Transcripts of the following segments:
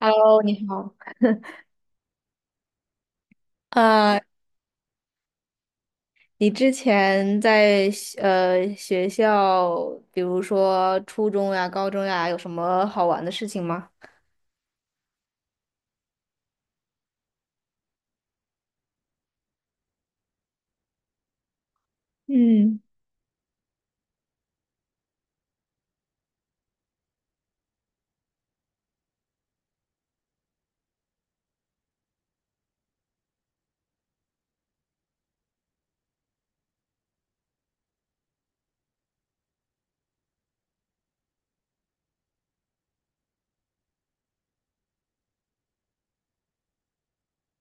Hello，你好。啊，你之前在学学校，比如说初中呀、高中呀，有什么好玩的事情吗？嗯，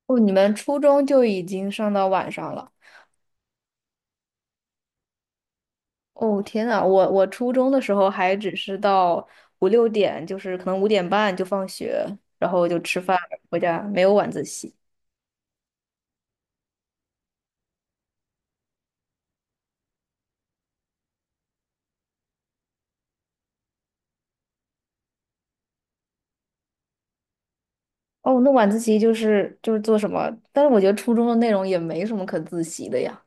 哦，你们初中就已经上到晚上了。哦，天呐，我初中的时候还只是到五六点，就是可能五点半就放学，然后就吃饭回家，没有晚自习。哦，那晚自习就是做什么？但是我觉得初中的内容也没什么可自习的呀。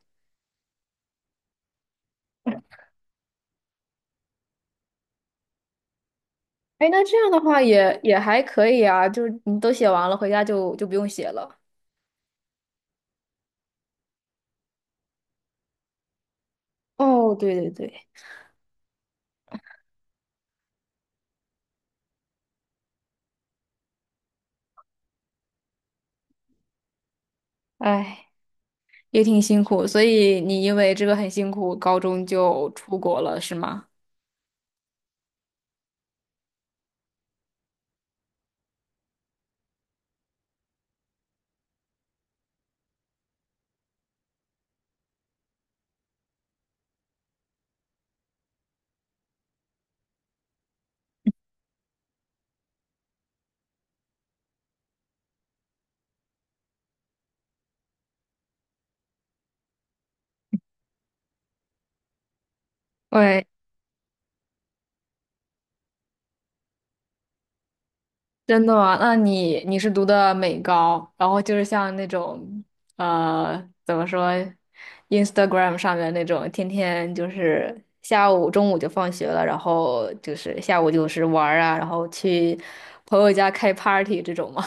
哎，那这样的话也还可以啊，就是你都写完了，回家就不用写了。哦，对对对，哎，也挺辛苦，所以你因为这个很辛苦，高中就出国了，是吗？喂，真的吗？那你是读的美高，然后就是像那种呃，怎么说，Instagram 上面那种，天天就是下午中午就放学了，然后就是下午就是玩儿啊，然后去朋友家开 party 这种吗？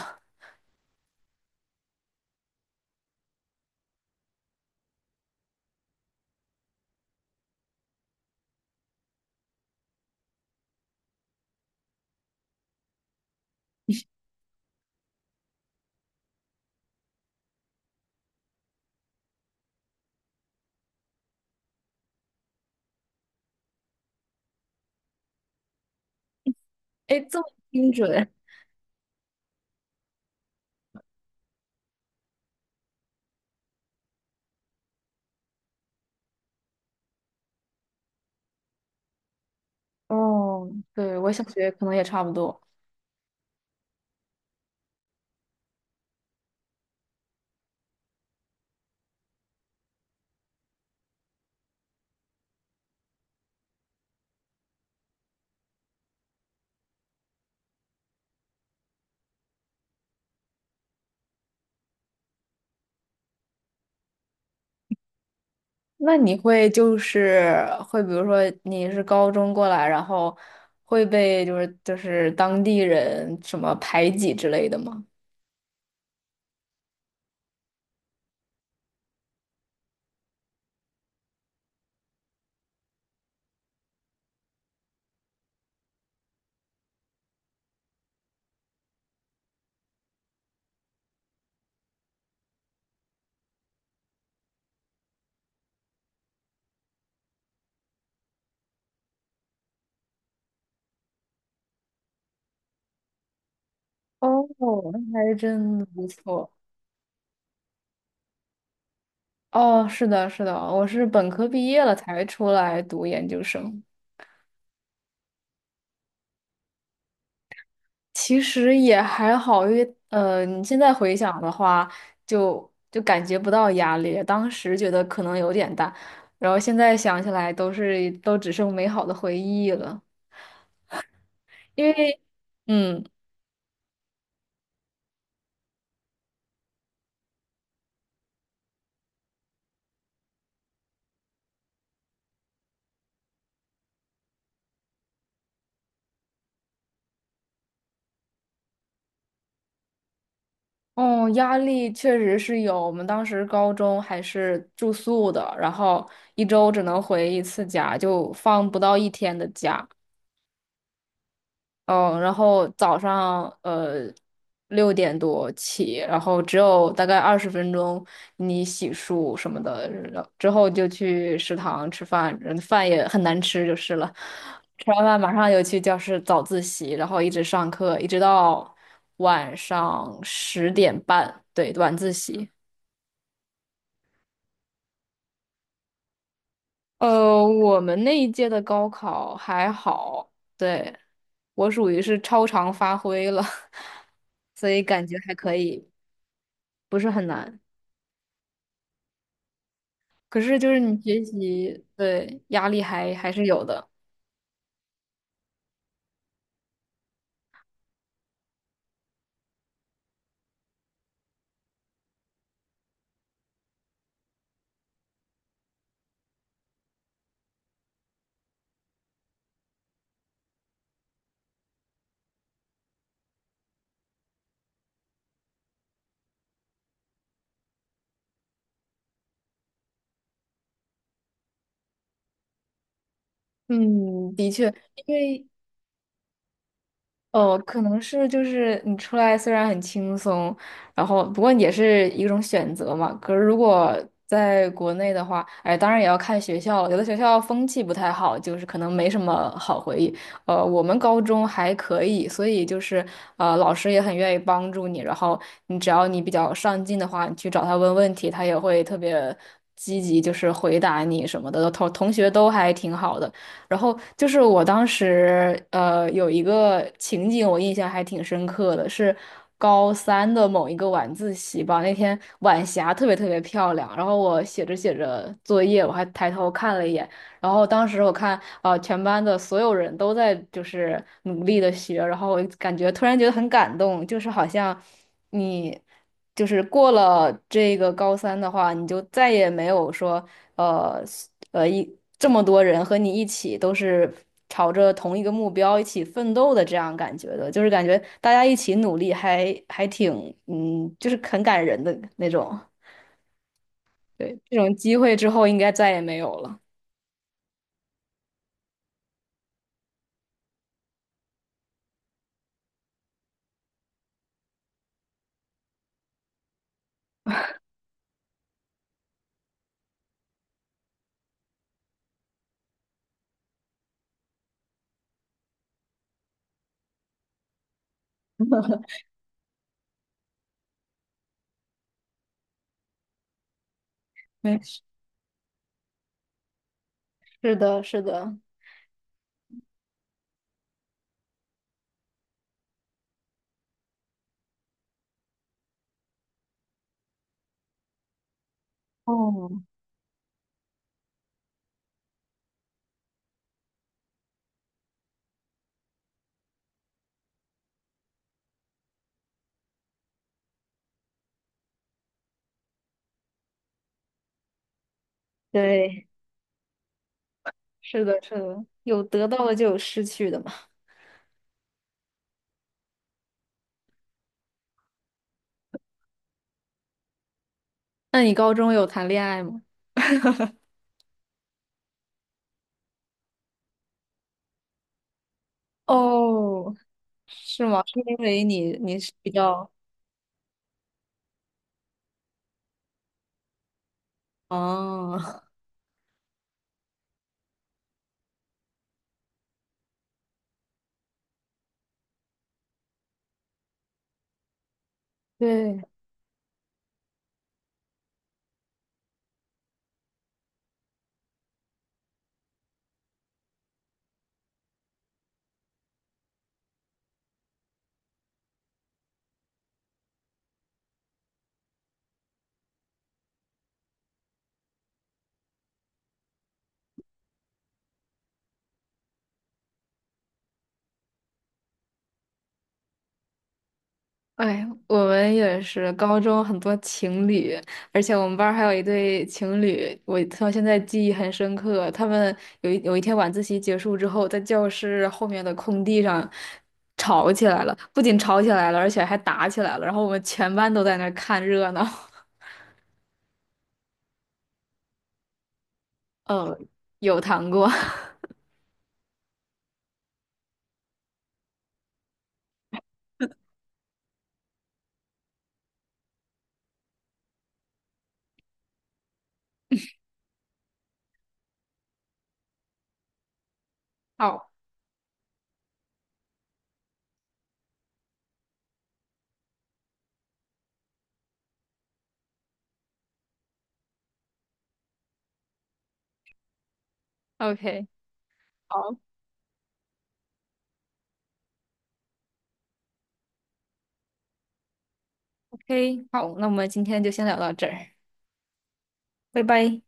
哎，这么精准。哦，对，我小学可能也差不多。那你会，比如说你是高中过来，然后会被当地人什么排挤之类的吗？哦，那还真的不错。哦，是的，是的，我是本科毕业了才出来读研究生。其实也还好，因为你现在回想的话，就感觉不到压力。当时觉得可能有点大，然后现在想起来都只剩美好的回忆了。因为，嗯，哦，压力确实是有。我们当时高中还是住宿的，然后一周只能回一次家，就放不到一天的假。嗯，然后早上六点多起，然后只有大概二十分钟，你洗漱什么的，然后之后就去食堂吃饭，嗯饭也很难吃就是了。吃完饭马上就去教室早自习，然后一直上课，一直到晚上十点半，对，晚自习。呃，我们那一届的高考还好，对，我属于是超常发挥了，所以感觉还可以。不是很难。可是就是你学习，对，压力还是有的。嗯，的确，因为哦，可能是就是你出来虽然很轻松，然后不过也是一种选择嘛。可是如果在国内的话，哎，当然也要看学校了。有的学校风气不太好，就是可能没什么好回忆。呃，我们高中还可以，所以就是老师也很愿意帮助你。然后你只要你比较上进的话，你去找他问问题，他也会特别积极，就是回答你什么的。同学都还挺好的。然后就是我当时有一个情景，我印象还挺深刻的，是高三的某一个晚自习吧。那天晚霞特别特别漂亮，然后我写着写着作业，我还抬头看了一眼，然后当时我看全班的所有人都在就是努力的学，然后我感觉突然觉得很感动，就是好像你。就是过了这个高三的话，你就再也没有说，呃，这么多人和你一起都是朝着同一个目标一起奋斗的这样感觉的，就是感觉大家一起努力还挺嗯，就是很感人的那种。对，这种机会之后应该再也没有了。没事是的，是的，哦，对，是的，是的，有得到的就有失去的嘛。那你高中有谈恋爱吗？哦，是吗？是因为你你是比较哦，对。哎，我们也是高中很多情侣，而且我们班儿还有一对情侣，我到现在记忆很深刻。他们有一天晚自习结束之后，在教室后面的空地上吵起来了，不仅吵起来了，而且还打起来了。然后我们全班都在那儿看热闹。呃，有谈过。好，OK，好，OK，好，那我们今天就先聊到这儿，拜拜。